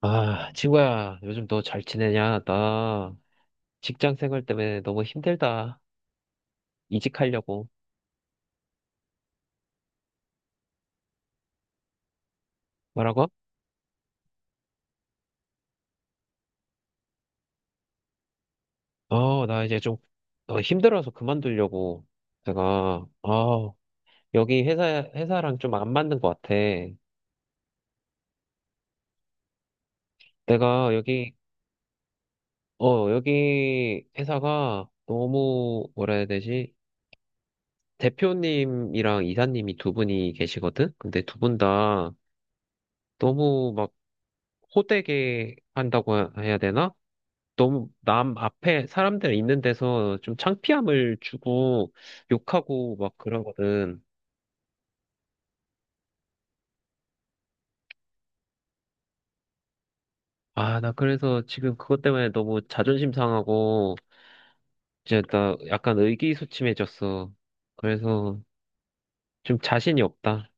아, 친구야, 요즘 너 잘 지내냐? 나 직장 생활 때문에 너무 힘들다. 이직하려고. 뭐라고? 나 이제 좀 힘들어서 그만두려고. 내가, 아, 여기 회사, 회사랑 좀 안 맞는 것 같아. 내가 여기, 여기 회사가 너무, 뭐라 해야 되지? 대표님이랑 이사님이 두 분이 계시거든? 근데 두 분 다 너무 막 호되게 한다고 해야 되나? 너무 남 앞에 사람들 있는 데서 좀 창피함을 주고 욕하고 막 그러거든. 아, 나 그래서 지금 그것 때문에 너무 자존심 상하고 이제 나 약간 의기소침해졌어. 그래서 좀 자신이 없다.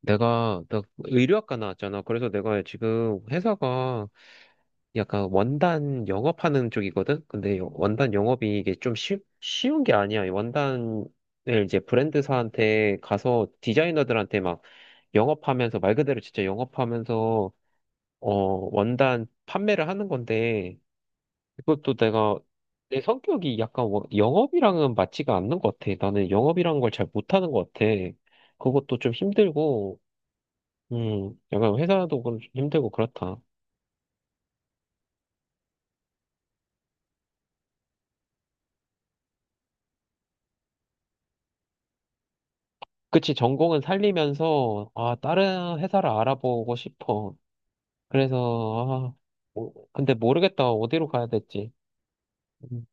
내가 나 의류학과 나왔잖아. 그래서 내가 지금 회사가 약간 원단 영업하는 쪽이거든. 근데 원단 영업이 이게 좀 쉬운 게 아니야. 원단을 이제 브랜드사한테 가서 디자이너들한테 막 영업하면서 말 그대로 진짜 영업하면서 어 원단 판매를 하는 건데 그것도 내가 내 성격이 약간 영업이랑은 맞지가 않는 것 같아. 나는 영업이라는 걸 잘 못하는 것 같아. 그것도 좀 힘들고 약간 회사도 좀 힘들고 그렇다. 그치, 전공은 살리면서 아, 다른 회사를 알아보고 싶어. 그래서 아, 근데 모르겠다, 어디로 가야 될지. 음.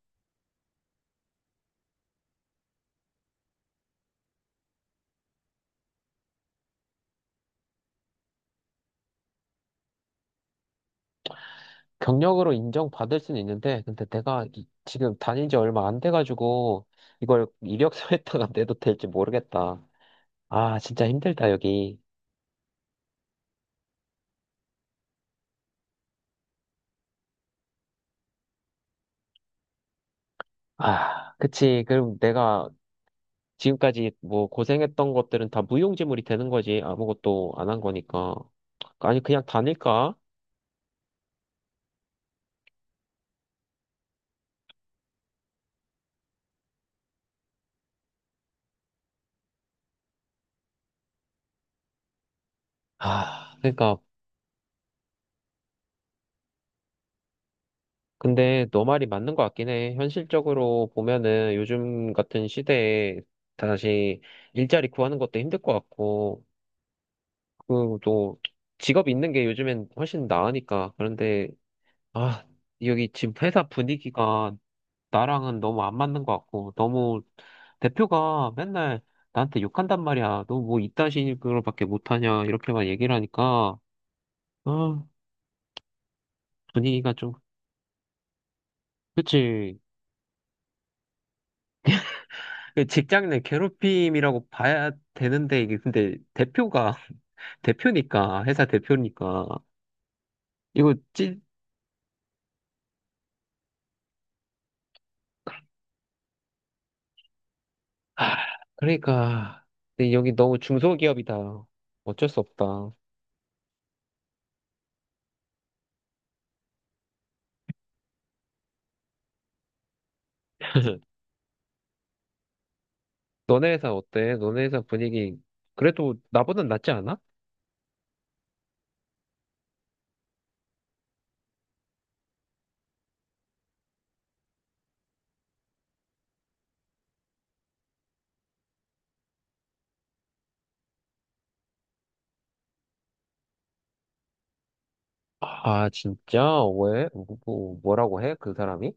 경력으로 인정받을 수는 있는데, 근데 내가 지금 다닌 지 얼마 안 돼가지고, 이걸 이력서에다가 내도 될지 모르겠다. 아, 진짜 힘들다, 여기. 아, 그치. 그럼 내가 지금까지 뭐 고생했던 것들은 다 무용지물이 되는 거지. 아무것도 안 한 거니까. 아니, 그냥 다닐까? 아, 그러니까. 근데 너 말이 맞는 것 같긴 해. 현실적으로 보면은 요즘 같은 시대에 다시 일자리 구하는 것도 힘들 것 같고, 그, 또, 직업 있는 게 요즘엔 훨씬 나으니까. 그런데, 아, 여기 지금 회사 분위기가 나랑은 너무 안 맞는 것 같고, 너무 대표가 맨날 나한테 욕한단 말이야. 너 뭐 이딴 식으로밖에 못하냐. 이렇게만 얘기를 하니까, 아, 분위기가 좀, 그치. 그 직장 내 괴롭힘이라고 봐야 되는데, 이게 근데 대표가, 대표니까, 회사 대표니까, 이거 찐, 아, 그러니까 근데 여기 너무 중소기업이다. 어쩔 수 없다. 너네 회사 어때? 너네 회사 분위기 그래도 나보단 낫지 않아? 아 진짜? 왜? 뭐, 뭐라고 해? 그 사람이?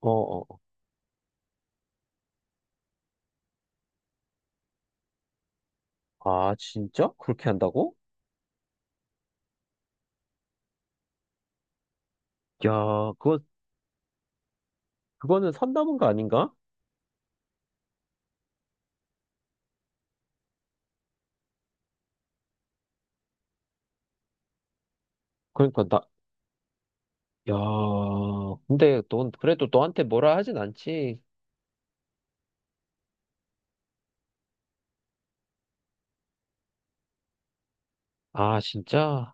어어. 아 진짜? 그렇게 한다고? 야, 그거 그거는 선담은 거 아닌가? 그러니까 나 야, 근데 넌 그래도 너한테 뭐라 하진 않지? 아 진짜?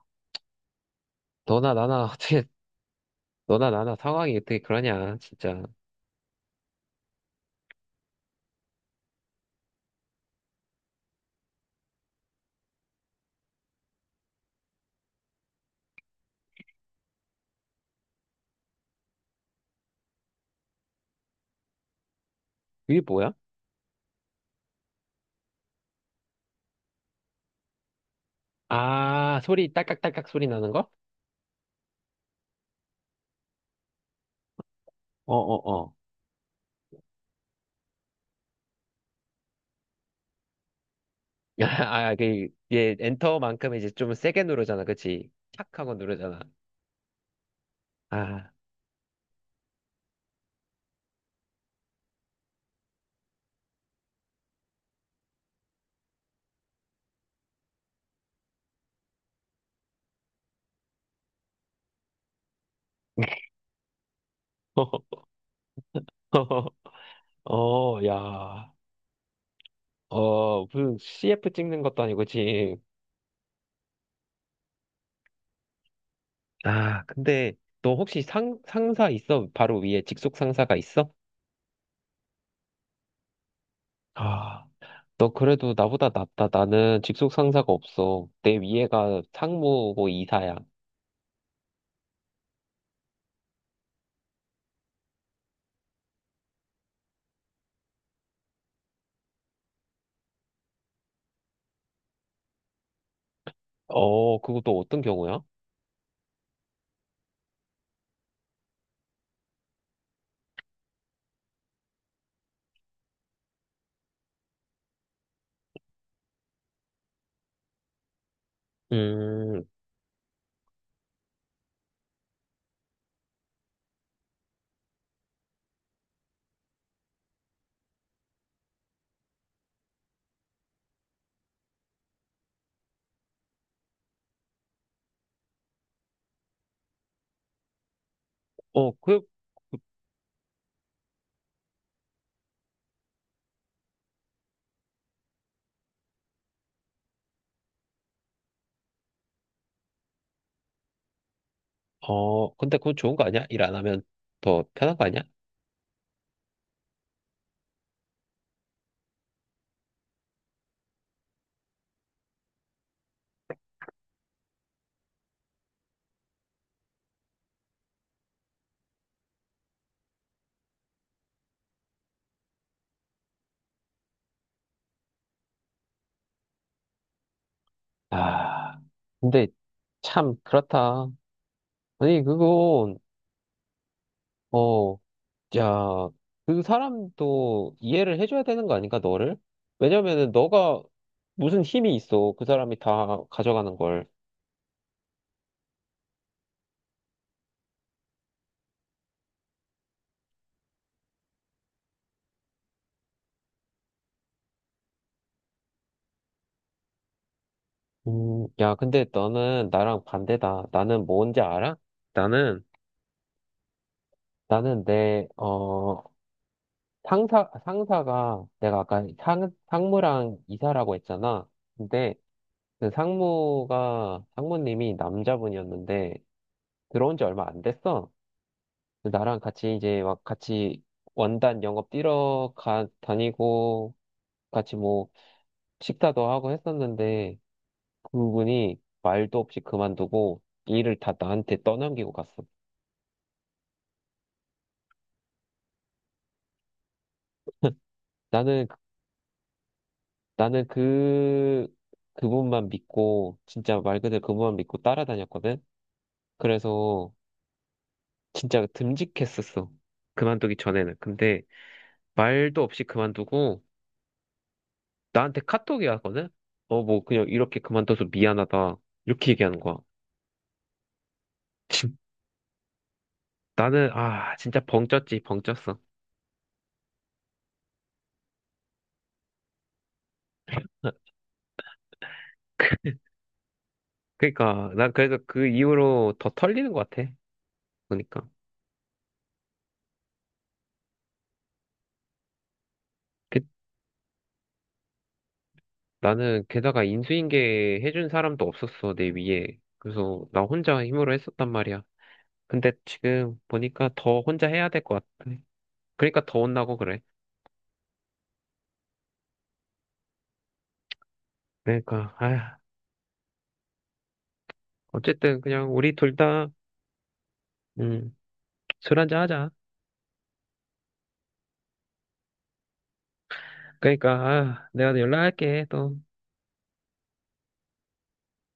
너나 나나 어떻게 너나 나나 상황이 어떻게 그러냐 진짜. 이게 뭐야? 아, 소리 딸깍딸깍 소리 나는 거? 어, 어, 어. 아, 그, 얘 엔터만큼 이제 좀 세게 누르잖아, 그치? 착 하고 누르잖아. 아, 어, 야, 무슨 CF 찍는 것도 아니고, 지금. 아, 근데 너 혹시 상, 상사 있어? 바로 위에 직속 상사가 있어? 아, 너 그래도 나보다 낫다. 나는 직속 상사가 없어. 내 위에가 상무고 이사야. 어, 그거 또 어떤 경우야? 음, 어, 그, 근데 그건 좋은 거 아니야? 일 안 하면 더 편한 거 아니야? 아, 근데 참 그렇다. 아니, 그건, 어, 야, 그 사람도 이해를 해줘야 되는 거 아닌가, 너를? 왜냐면은 너가 무슨 힘이 있어. 그 사람이 다 가져가는 걸. 야, 근데 너는 나랑 반대다. 나는 뭔지 알아? 나는, 나는 내, 상사, 상사가, 내가 아까 상, 상무랑 이사라고 했잖아. 근데 근데 상무가, 상무님이 남자분이었는데, 들어온 지 얼마 안 됐어. 근데 나랑 같이 이제 막 같이 원단 영업 뛰러 가, 다니고, 같이 뭐 식사도 하고 했었는데, 그분이 말도 없이 그만두고 일을 다 나한테 떠넘기고 갔어. 나는, 나는 그, 그분만 믿고, 진짜 말 그대로 그분만 믿고 따라다녔거든? 그래서 진짜 듬직했었어. 그만두기 전에는. 근데 말도 없이 그만두고 나한테 카톡이 왔거든? 어, 뭐 그냥 이렇게 그만둬서 미안하다. 이렇게 얘기하는 거야. 진- 나는 아, 진짜 벙쪘지, 벙쪘어. 그러니까 난 그래서 그 이후로 더 털리는 것 같아. 그러니까 그- 나는 게다가 인수인계 해준 사람도 없었어, 내 위에. 그래서 나 혼자 힘으로 했었단 말이야. 근데 지금 보니까 더 혼자 해야 될 것 같아. 그러니까 더 혼나고 그래. 그러니까 아, 어쨌든 그냥 우리 둘 다, 음, 술 한잔 하자. 그러니까 아, 내가 연락할게 또.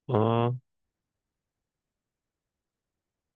어.